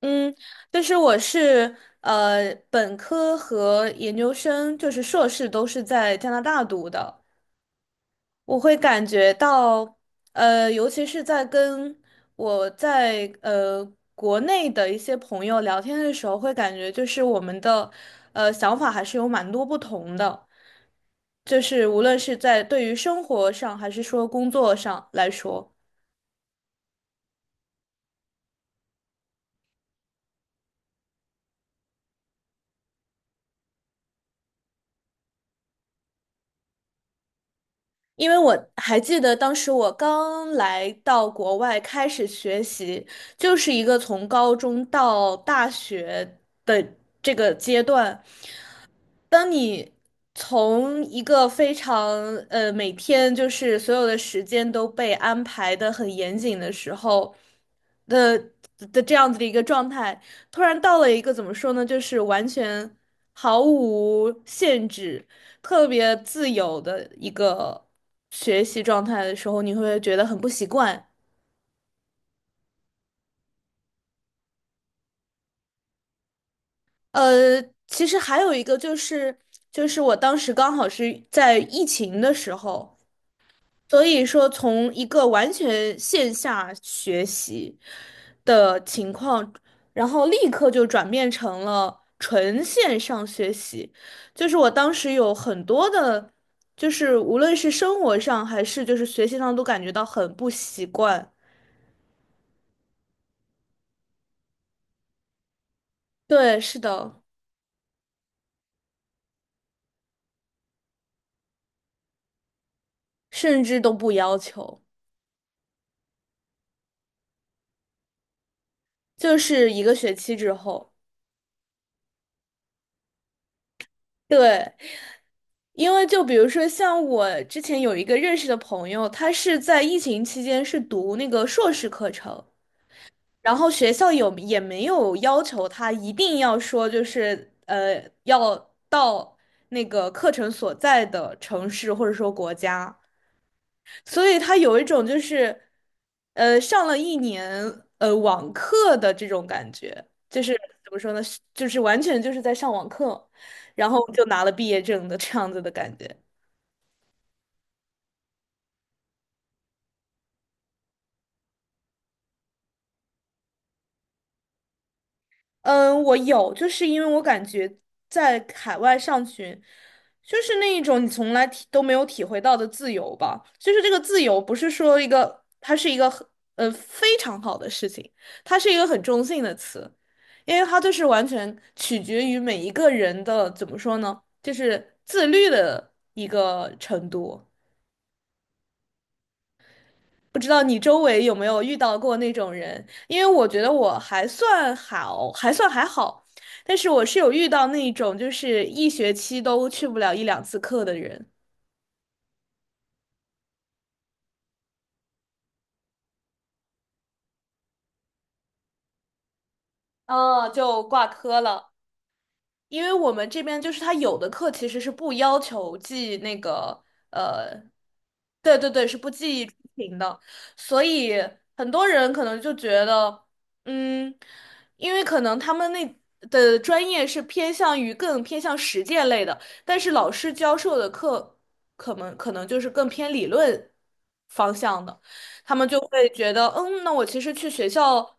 嗯，但是我是本科和研究生，就是硕士都是在加拿大读的。我会感觉到，尤其是在跟我在呃国内的一些朋友聊天的时候，会感觉就是我们的想法还是有蛮多不同的，就是无论是在对于生活上还是说工作上来说。因为我还记得当时我刚来到国外开始学习，就是一个从高中到大学的这个阶段，当你从一个非常每天就是所有的时间都被安排的很严谨的时候的的这样子的一个状态，突然到了一个怎么说呢，就是完全毫无限制、特别自由的一个学习状态的时候，你会不会觉得很不习惯？呃，其实还有一个就是，就是我当时刚好是在疫情的时候。所以说，从一个完全线下学习的情况，然后立刻就转变成了纯线上学习。就是我当时有很多的，就是无论是生活上还是就是学习上，都感觉到很不习惯。对，是的，甚至都不要求，就是一个学期之后。对，因为就比如说像我之前有一个认识的朋友，他是在疫情期间是读那个硕士课程，然后学校有也没有要求他一定要说就是要到那个课程所在的城市或者说国家。所以他有一种就是，上了一年网课的这种感觉，就是怎么说呢，是就是完全就是在上网课，然后就拿了毕业证的这样子的感觉。嗯，我有，就是因为我感觉在海外上学，就是那一种你从来体都没有体会到的自由吧。就是这个自由，不是说一个，它是一个很非常好的事情，它是一个很中性的词，因为它就是完全取决于每一个人的，怎么说呢，就是自律的一个程度。不知道你周围有没有遇到过那种人？因为我觉得我还算好，还算还好，但是我是有遇到那种就是一学期都去不了一两次课的人，啊，就挂科了。因为我们这边就是他有的课其实是不要求记那个呃，对对对，是不记出勤的，所以很多人可能就觉得，嗯，因为可能他们那的专业是偏向于更偏向实践类的，但是老师教授的课可能就是更偏理论方向的。他们就会觉得，嗯，那我其实去学校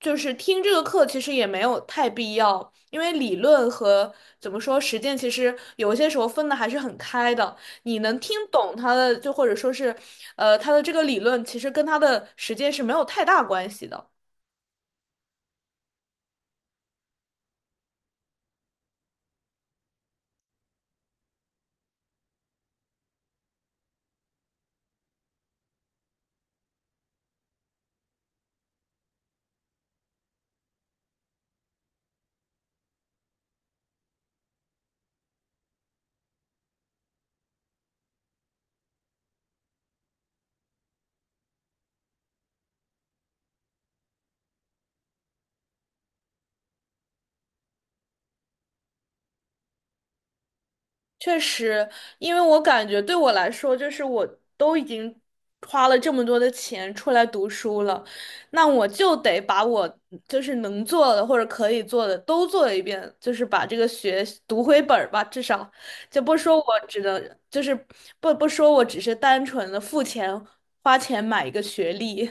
就是听这个课，其实也没有太必要，因为理论和怎么说实践，其实有一些时候分的还是很开的。你能听懂他的，就或者说是，他的这个理论，其实跟他的实践是没有太大关系的。确实，因为我感觉对我来说，就是我都已经花了这么多的钱出来读书了，那我就得把我就是能做的或者可以做的都做一遍，就是把这个学读回本儿吧，至少就不说我只能就是不说我只是单纯的付钱花钱买一个学历。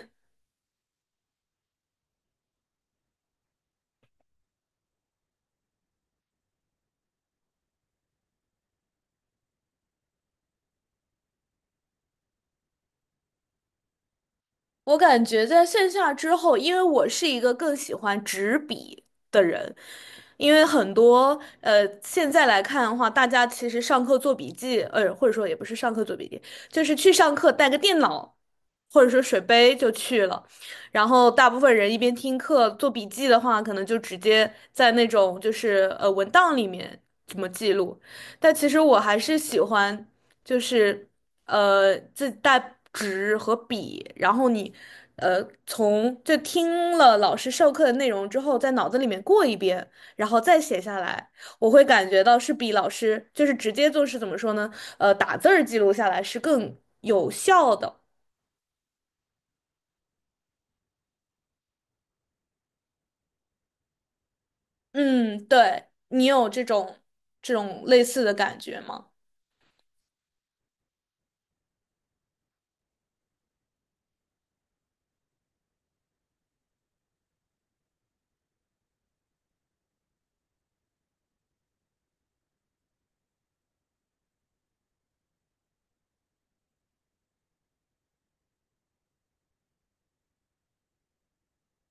我感觉在线下之后，因为我是一个更喜欢纸笔的人，因为很多现在来看的话，大家其实上课做笔记，或者说也不是上课做笔记，就是去上课带个电脑或者说水杯就去了，然后大部分人一边听课做笔记的话，可能就直接在那种就是文档里面怎么记录，但其实我还是喜欢就是。自带纸和笔，然后你从就听了老师授课的内容之后，在脑子里面过一遍，然后再写下来，我会感觉到是比老师就是直接就是怎么说呢？打字儿记录下来是更有效的。嗯，对，你有这种类似的感觉吗？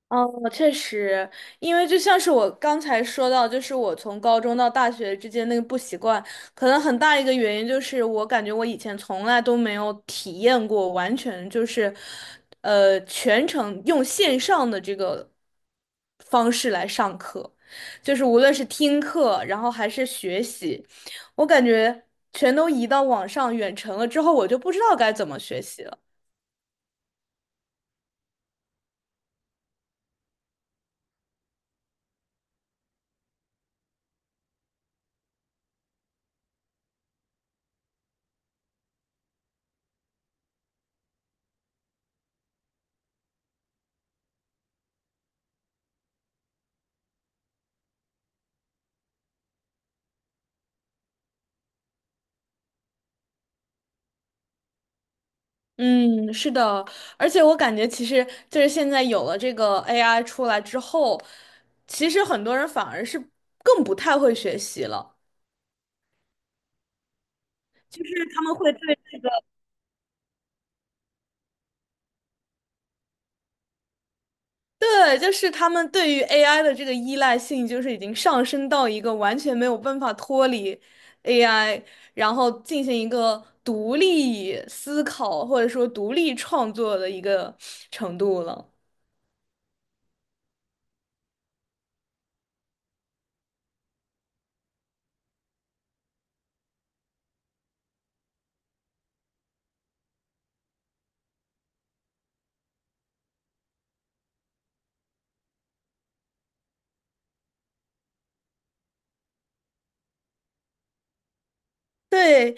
哦，确实，因为就像是我刚才说到，就是我从高中到大学之间那个不习惯，可能很大一个原因就是我感觉我以前从来都没有体验过，完全就是，全程用线上的这个方式来上课，就是无论是听课，然后还是学习，我感觉全都移到网上远程了之后，我就不知道该怎么学习了。嗯，是的，而且我感觉其实就是现在有了这个 AI 出来之后，其实很多人反而是更不太会学习了，就是他们会对这个，对，就是他们对于 AI 的这个依赖性，就是已经上升到一个完全没有办法脱离 AI,然后进行一个独立思考或者说独立创作的一个程度了。对，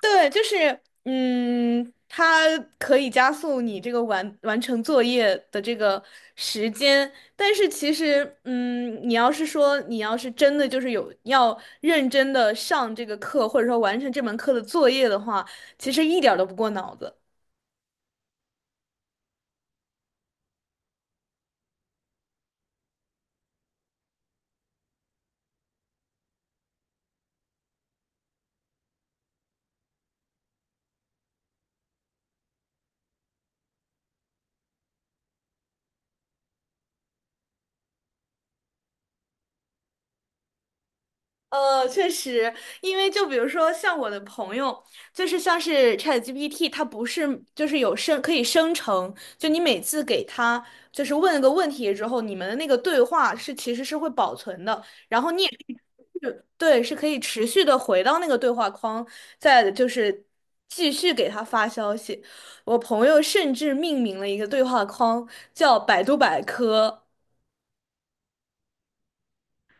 对，就是，嗯，它可以加速你这个完成作业的这个时间，但是其实，嗯，你要是说你要是真的就是有要认真的上这个课，或者说完成这门课的作业的话，其实一点儿都不过脑子。确实，因为就比如说像我的朋友，就是像是 ChatGPT,它不是就是有生可以生成，就你每次给他就是问个问题之后，你们的那个对话是其实是会保存的，然后你也可以是对，是可以持续的回到那个对话框，再就是继续给他发消息。我朋友甚至命名了一个对话框叫百度百科。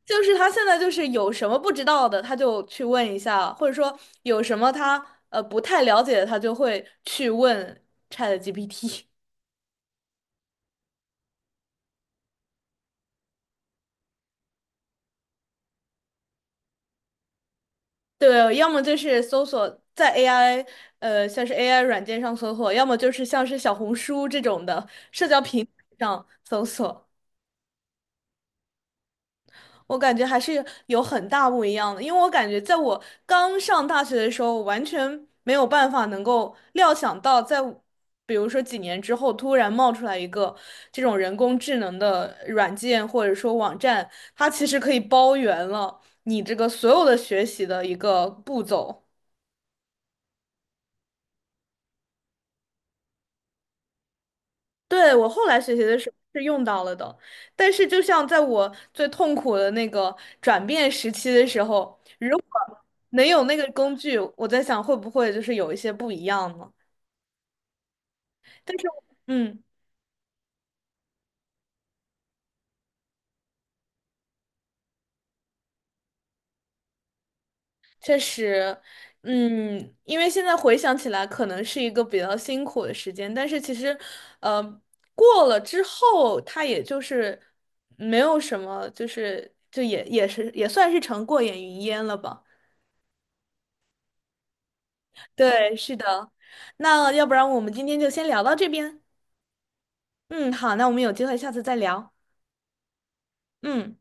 就是他现在就是有什么不知道的，他就去问一下，或者说有什么他不太了解的，他就会去问 ChatGPT。对，要么就是搜索在 AI 像是 AI 软件上搜索，要么就是像是小红书这种的社交平台上搜索。我感觉还是有很大不一样的，因为我感觉在我刚上大学的时候，我完全没有办法能够料想到在我比如说几年之后，突然冒出来一个这种人工智能的软件或者说网站，它其实可以包圆了你这个所有的学习的一个步骤。对，我后来学习的时候是用到了的，但是就像在我最痛苦的那个转变时期的时候，如果能有那个工具，我在想会不会就是有一些不一样呢？但是，嗯，确实，嗯，因为现在回想起来，可能是一个比较辛苦的时间，但是其实，呃，过了之后，它也就是没有什么，就是就也也是也算是成过眼云烟了吧。对，是的。那要不然我们今天就先聊到这边。嗯，好，那我们有机会下次再聊。嗯。